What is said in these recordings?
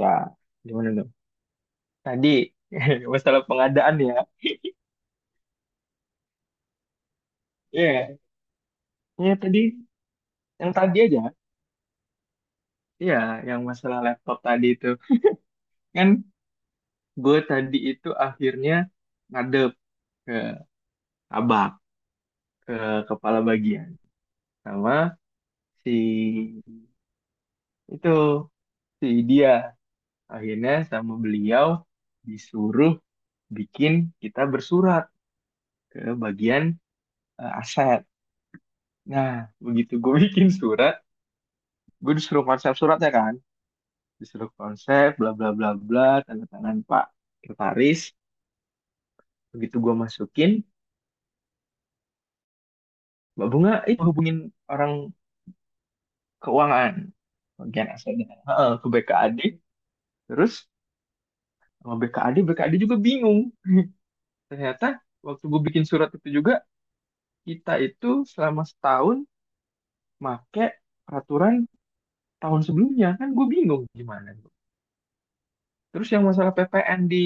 Ya, gimana dong? Tadi masalah pengadaan ya. Iya, ya tadi yang tadi aja. Iya, yang masalah laptop tadi itu. Kan gue tadi itu akhirnya ngadep ke abak, ke kepala bagian sama si itu si dia. Akhirnya sama beliau disuruh bikin kita bersurat ke bagian aset. Nah, begitu gue bikin surat, gue disuruh konsep suratnya kan. Disuruh konsep bla bla bla bla, tanda tangan Pak Kertaris. Begitu gue masukin, Mbak Bunga itu hubungin orang keuangan, bagian asetnya. Heeh, ke BKAD. Terus sama BKAD BKAD juga bingung. Ternyata waktu gue bikin surat itu juga, kita itu selama setahun make peraturan tahun sebelumnya kan. Gue bingung gimana. Terus yang masalah PPN di,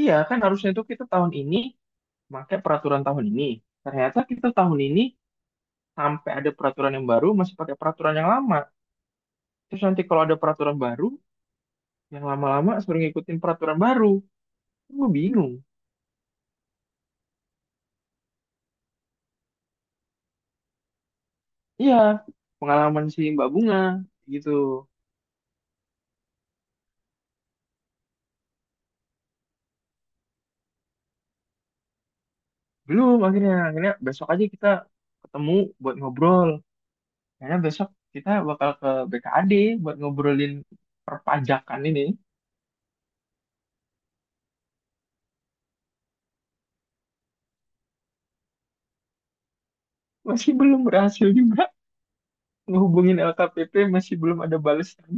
iya kan harusnya itu kita tahun ini make peraturan tahun ini. Ternyata kita tahun ini, sampai ada peraturan yang baru, masih pakai peraturan yang lama. Terus nanti kalau ada peraturan baru, yang lama-lama suruh ngikutin peraturan baru. Gue bingung. Iya, pengalaman si Mbak Bunga gitu. Belum, akhirnya besok aja kita ketemu buat ngobrol. Karena besok kita bakal ke BKAD buat ngobrolin perpajakan ini. Masih belum berhasil juga ngehubungin LKPP, masih belum ada balasan.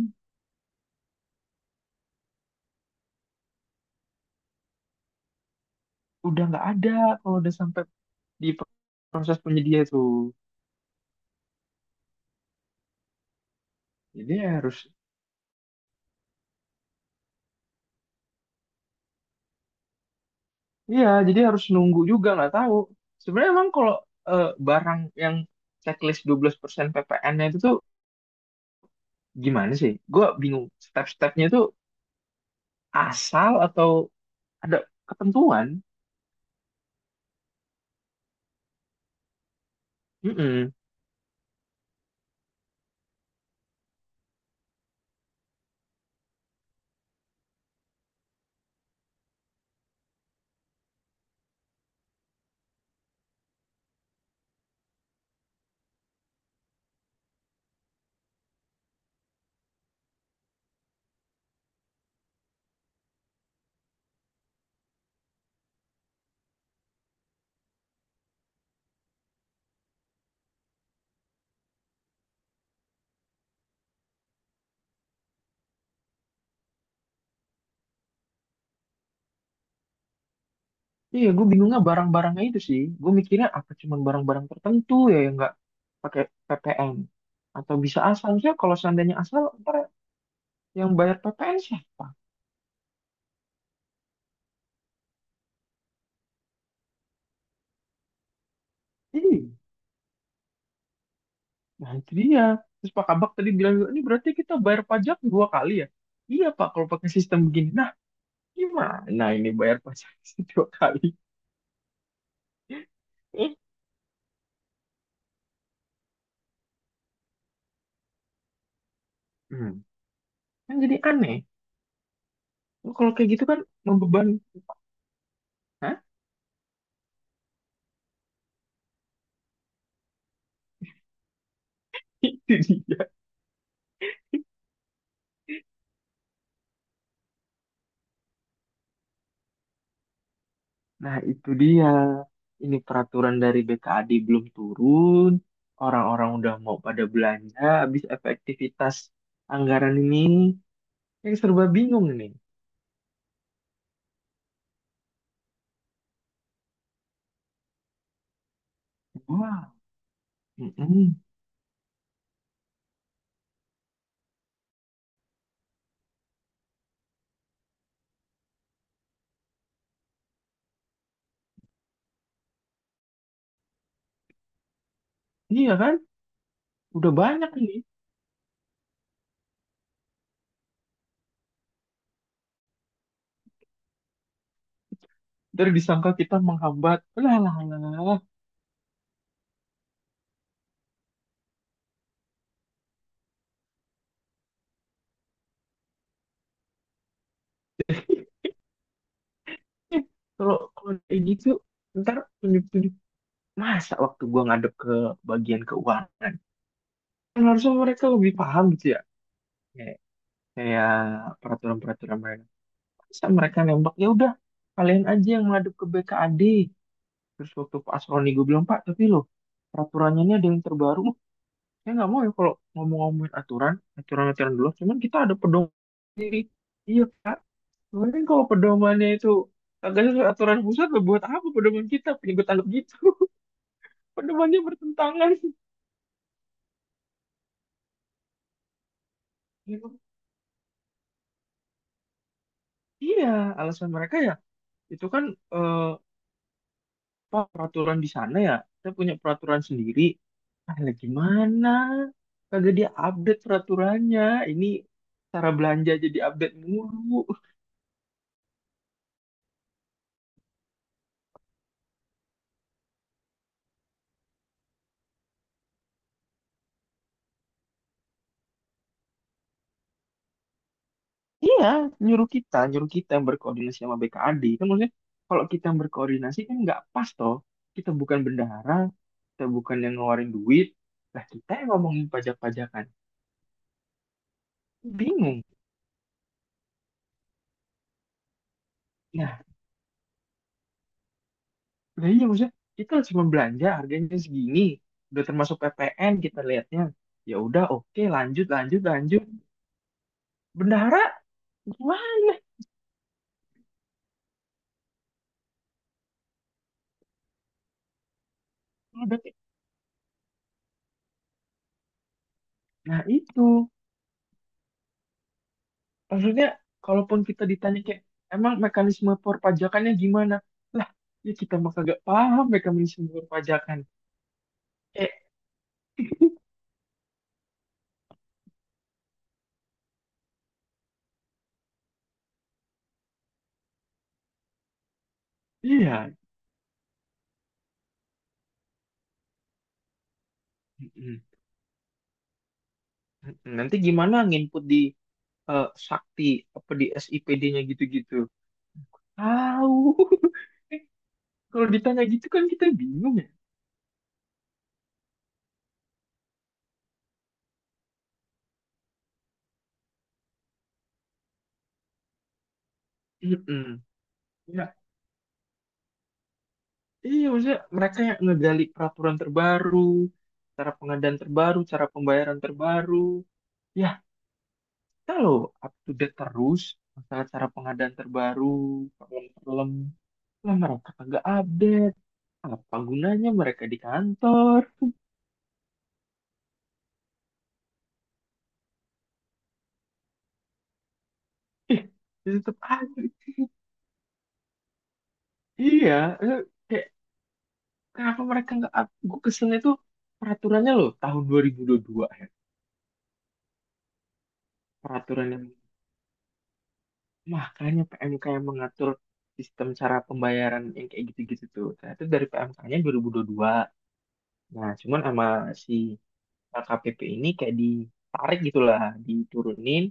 Udah nggak ada kalau udah sampai di proses penyedia tuh. Jadi ya harus. Iya, jadi harus nunggu juga nggak tahu. Sebenarnya emang kalau barang yang checklist 12% PPN-nya itu tuh gimana sih? Gue bingung. Step-stepnya itu asal atau ada ketentuan? Mm-mm. Iya, gue bingungnya barang-barangnya itu sih. Gue mikirnya apa cuman barang-barang tertentu ya yang nggak pakai PPN? Atau bisa asal sih? Kalau seandainya asal, ntar yang bayar PPN siapa? Iya. Nah, itu dia. Terus Pak Kabak tadi bilang, ini berarti kita bayar pajak dua kali ya? Iya Pak, kalau pakai sistem begini. Nah, gimana ini bayar pajak dua kali? Eh, Hmm. Kan jadi aneh. Lu, kalau kayak gitu kan membeban. Hah? Itu dia. Nah, itu dia. Ini peraturan dari BKAD belum turun. Orang-orang udah mau pada belanja. Habis efektivitas anggaran ini. Yang serba bingung ini. Wah. Mm-mm. Iya kan? Udah banyak ini. Ntar disangka kita menghambat, lah lah lah lah. eh kalau kalau kayak gitu, ntar tunjuk-tunjuk. Masa waktu gua ngadep ke bagian keuangan, kan harusnya mereka lebih paham gitu ya, kayak kayak peraturan-peraturan mereka. Masa mereka nembak, ya udah kalian aja yang ngadep ke BKAD. Terus waktu Pak Asroni, gue bilang, "Pak, tapi loh peraturannya ini ada yang terbaru." " Saya nggak mau ya kalau ngomong-ngomongin aturan-aturan dulu. Cuman kita ada pedoman sendiri." Iya Pak. Mungkin kalau pedomannya itu agak sesuai aturan pusat, lah, buat apa pedoman kita? Punya gue tangkap gitu. Pedomannya bertentangan. Emang. Iya, alasan mereka ya itu kan, eh, apa, peraturan di sana ya. Kita punya peraturan sendiri. Ah, lah gimana? Kagak dia update peraturannya. Ini cara belanja jadi update mulu. Iya, nyuruh kita yang berkoordinasi sama BKAD. Kan maksudnya, kalau kita yang berkoordinasi kan nggak pas toh. Kita bukan bendahara, kita bukan yang ngeluarin duit. Lah, kita yang ngomongin pajak-pajakan. Bingung. Nah, lah iya maksudnya kita cuma belanja harganya segini. Udah termasuk PPN kita lihatnya. Ya udah, oke, lanjut lanjut lanjut. Bendahara gimana? Udah Nah itu. Maksudnya, kalaupun kita ditanya kayak, emang mekanisme perpajakannya gimana? Lah, ya kita mah kagak paham mekanisme perpajakan. Eh, iya. Mm-mm. Mm-mm. Nanti gimana nginput di Sakti, apa di SIPD-nya gitu-gitu? Tahu. Eh, Kalau ditanya gitu kan kita bingung ya. Mm-mm. Ya, iya maksudnya mereka yang ngegali peraturan terbaru, cara pengadaan terbaru, cara pembayaran terbaru. Ya, kita loh up to date terus masalah cara pengadaan terbaru, problem-problem. Lah mereka kagak update, apa gunanya mereka di kantor? Ih, tetap aja. Iya, eh, kayak, kenapa mereka nggak up? Gue keselnya tuh peraturannya loh tahun 2022 ya. Peraturan yang, makanya PMK yang mengatur sistem cara pembayaran yang kayak gitu-gitu tuh, nah, itu dari PMK-nya dua ribu dua puluh dua. Nah, cuman sama si KPP ini kayak ditarik gitulah, diturunin.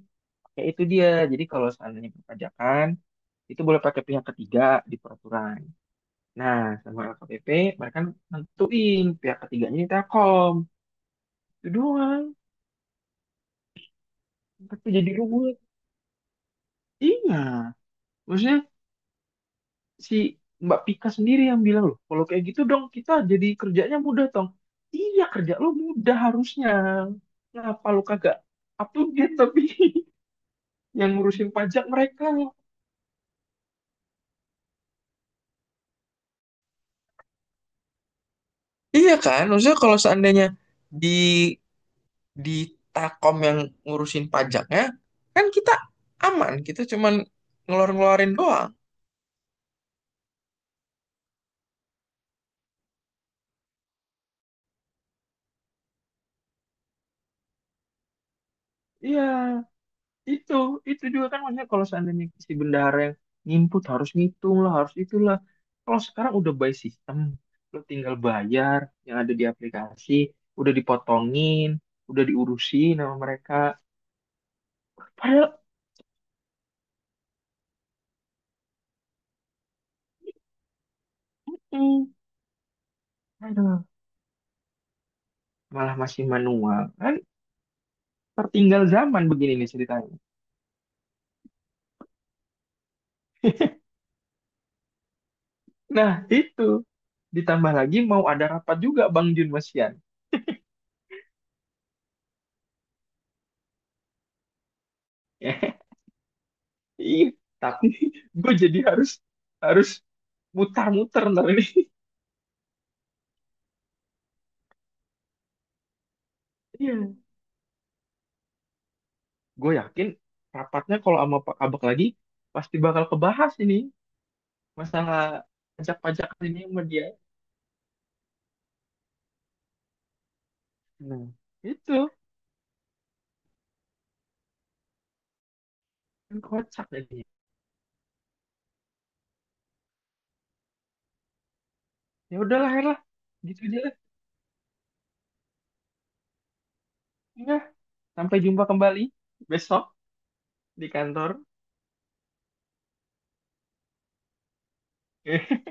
Kayak itu dia. Jadi kalau seandainya perpajakan itu boleh pakai pihak ketiga di peraturan. Nah, sama LKPP, mereka nentuin pihak ketiganya ini Telkom. Itu doang. Tapi jadi ruwet. Iya. Maksudnya si Mbak Pika sendiri yang bilang loh, kalau kayak gitu dong kita jadi kerjanya mudah, Tong. Iya, kerja lo mudah harusnya. Kenapa lo kagak update tapi yang ngurusin pajak mereka? Iya kan? Maksudnya kalau seandainya di di Takom yang ngurusin pajaknya, kan kita aman. Kita cuman ngeluarin-ngeluarin doang. Iya, itu itu juga kan, maksudnya kalau seandainya si bendahara yang nginput harus ngitung lah, harus itulah. Kalau sekarang udah by system, lo tinggal bayar yang ada di aplikasi, udah dipotongin, udah diurusin sama mereka. Padahal, hmm, aduh, malah masih manual. Kan tertinggal zaman begini nih ceritanya. Nah, itu. Ditambah lagi mau ada rapat juga Bang Jun Masian. Iya, tapi gue jadi harus harus mutar-muter ntar ini. Iya. Gue yakin rapatnya kalau sama Pak Abak lagi pasti bakal kebahas ini, masalah pajak-pajak ini sama dia. Nah, itu kan kocak jadinya. Ya udahlah, Her lah. Gitu aja lah. Ya, sampai jumpa kembali besok di kantor.